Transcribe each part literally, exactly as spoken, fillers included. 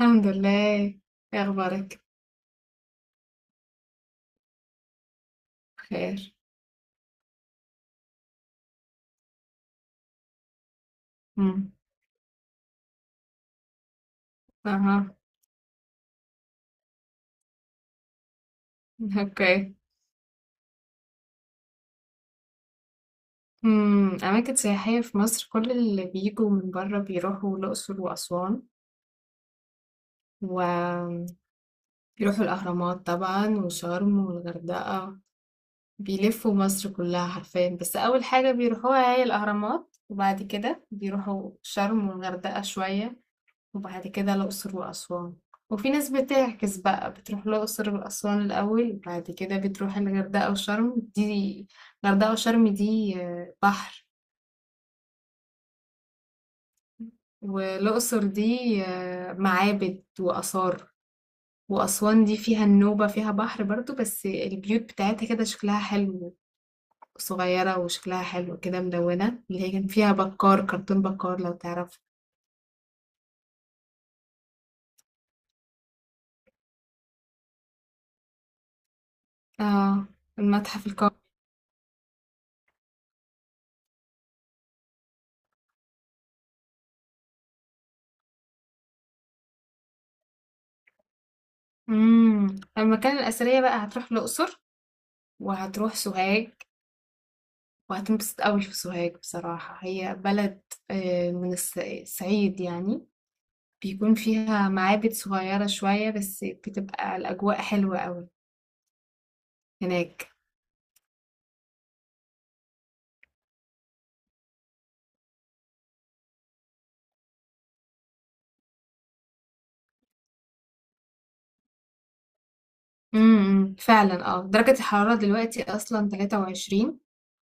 الحمد لله. ايه اخبارك؟ بخير. امم اها، اوكي. امم اماكن سياحيه في مصر، كل اللي بيجوا من بره بيروحوا الاقصر واسوان، وبيروحوا الاهرامات طبعا وشرم والغردقه. بيلفوا مصر كلها حرفيا، بس اول حاجه بيروحوها هي الاهرامات، وبعد كده بيروحوا شرم والغردقه شويه، وبعد كده الأقصر وأسوان. وفي ناس بتعكس بقى، بتروح الأقصر وأسوان الأول، بعد كده بتروح الغردقة وشرم. دي الغردقة وشرم دي آه، بحر، والأقصر دي آه، معابد وآثار. وأسوان دي فيها النوبة، فيها بحر برضو، بس البيوت بتاعتها كده شكلها حلو، صغيرة وشكلها حلو كده، ملونة، اللي هي كان فيها بكار كرتون بكار، لو تعرف. اه، المتحف القومي. امم المكان الأثرية بقى هتروح الأقصر، وهتروح سوهاج، وهتنبسط قوي في سوهاج. بصراحة هي بلد آه، من الص- الصعيد يعني، بيكون فيها معابد صغيرة شوية، بس بتبقى الأجواء حلوة قوي هناك. امم إمم، فعلا، اه درجة الحرارة دلوقتي أصلا تلاتة وعشرين،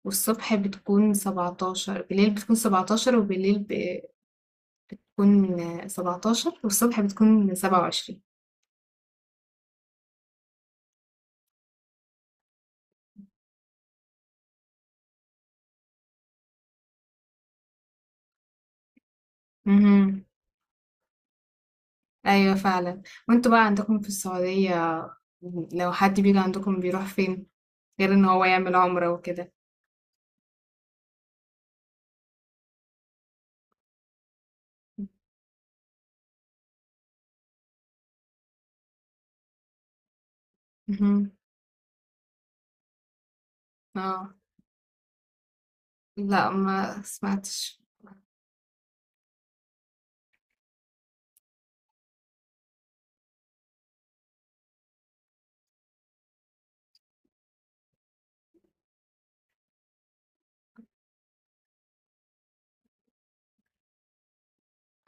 والصبح بتكون سبعتاشر، بالليل بتكون سبعتاشر، وبالليل بتكون سبعتاشر، والصبح بتكون سبعة وعشرين. امم ايوه فعلا. وانتوا بقى عندكم في السعودية، لو حد بيجي عندكم بيروح فين غير ان هو يعمل عمرة وكده؟ مهم. اه. لا، ما سمعتش.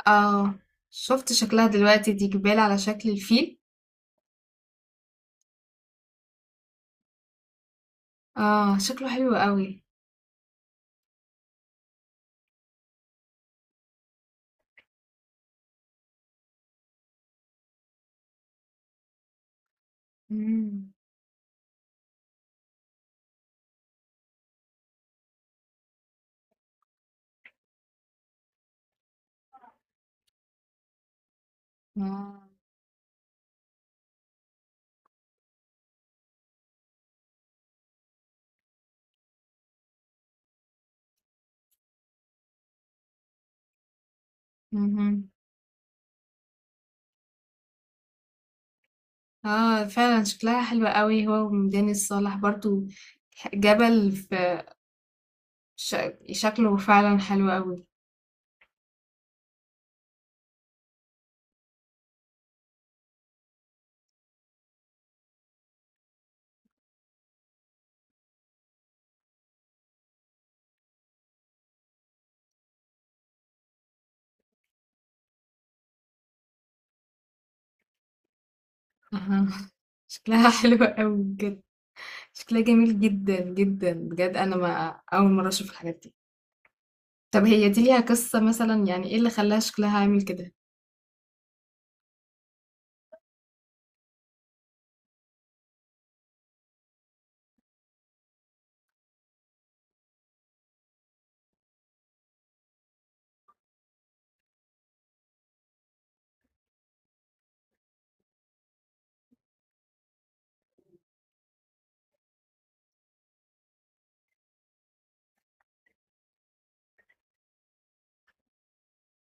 اه، شفت شكلها دلوقتي، دي جبال على شكل الفيل. اه شكله حلو قوي. مم. اه. مهم. اه فعلا شكلها حلو قوي، هو وميدان الصالح برضو. جبل في ش... شكله فعلا حلو قوي. آه. شكلها حلو قوي بجد، شكلها جميل جدا جدا بجد. انا ما اول مره اشوف الحاجات دي. طب هي دي ليها قصه مثلا؟ يعني ايه اللي خلاها شكلها عامل كده؟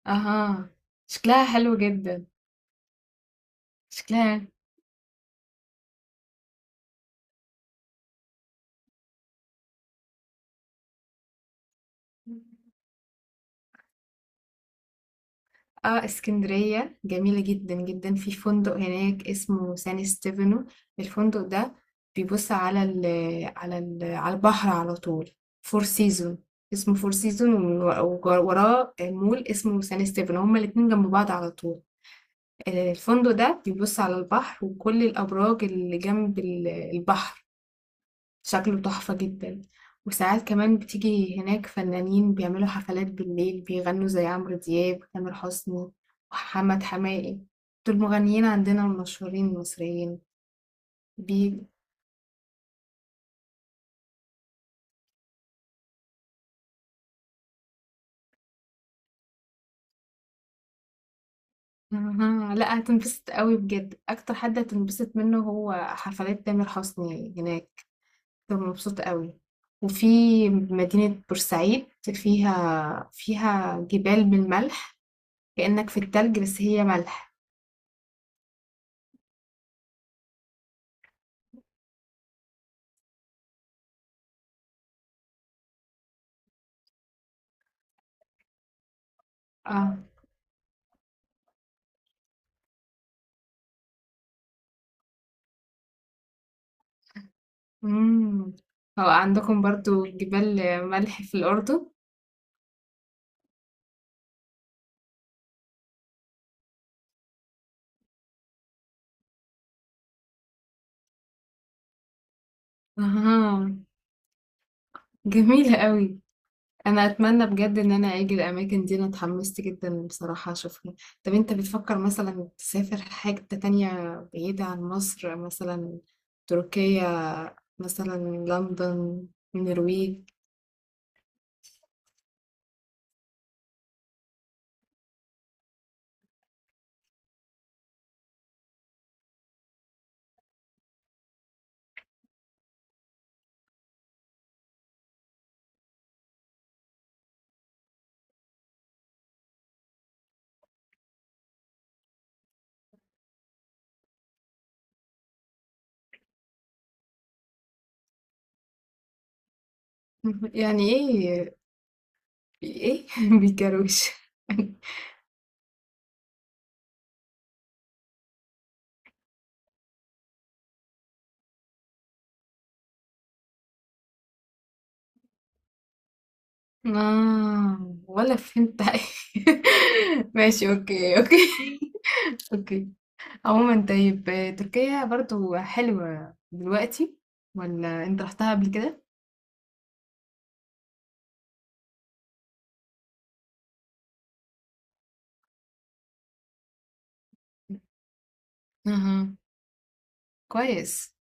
اها، شكلها حلو جدا. شكلها اه. اسكندريه جميله جدا جدا. في فندق هناك اسمه سان ستيفانو، الفندق ده بيبص على ال على ال على البحر على طول. فور سيزون، اسمه فور سيزون، ووراه مول اسمه سان ستيفانو، هما الاتنين جنب بعض على طول. الفندق ده بيبص على البحر وكل الأبراج اللي جنب ال- البحر، شكله تحفة جدا. وساعات كمان بتيجي هناك فنانين بيعملوا حفلات بالليل، بيغنوا زي عمرو دياب وتامر حسني ومحمد حماقي، دول مغنيين عندنا المشهورين المصريين. بي... مهم. لا، هتنبسط قوي بجد. أكتر حد هتنبسط منه هو حفلات تامر حسني هناك، كنت مبسوطة قوي. وفي مدينة بورسعيد، فيها فيها جبال بالملح، كأنك في التلج بس هي ملح. اه. امم هو عندكم برضو جبال ملح في الأردن؟ اها، جميلة قوي. انا اتمنى بجد ان انا اجي الاماكن دي، انا اتحمست جدا بصراحة اشوفها. طب انت بتفكر مثلا تسافر حاجة تانية بعيدة عن مصر؟ مثلا تركيا، مثلا لندن، النرويج. يعني إيه؟ إيه؟ بيكروش؟ آه، ولا فهمت حاجة. ماشي، أوكي أوكي. أوكي. عموما طيب، تركيا برضو حلوة دلوقتي، ولا أنت رحتها قبل كده؟ أها، كويس.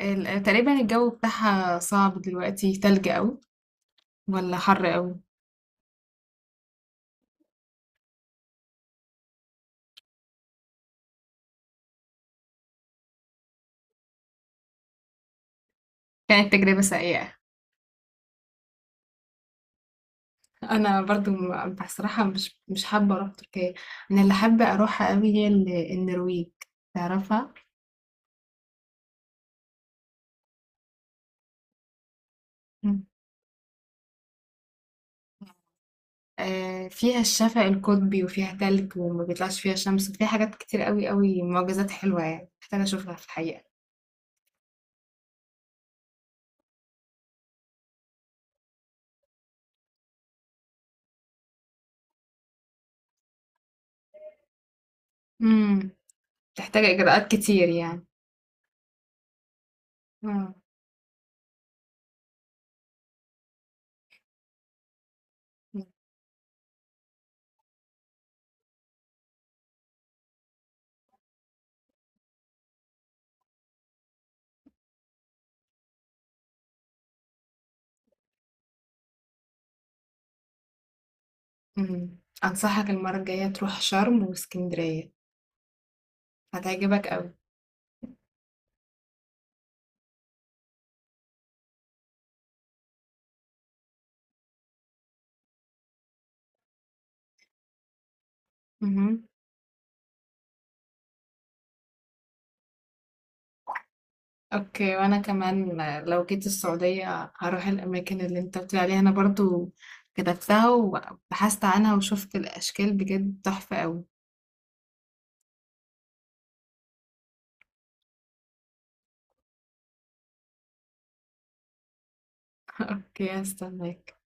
ال- تقريبا الجو بتاعها صعب دلوقتي، تلج أوي ولا حر أوي؟ كانت تجربة سيئة. أنا برضو م- بصراحة مش مش حابة أروح تركيا. أنا اللي حابة أروحها أوي هي ال- النرويج، تعرفها؟ مم. آه، فيها الشفق القطبي وفيها تلج وما بيطلعش فيها شمس، وفيها حاجات كتير أوي أوي، معجزات حلوة يعني، محتاجة أشوفها في الحقيقة. امم. تحتاج إجراءات كتير يعني؟ آه. مم. امم. أنصحك المرة الجاية تروح شرم واسكندرية، هتعجبك أوي. اوكي، وانا كمان لو جيت السعودية هروح الاماكن اللي انت بتقول عليها. انا برضو كتبتها وبحثت عنها وشفت الاشكال، بجد تحفة قوي. اوكي، هستناك.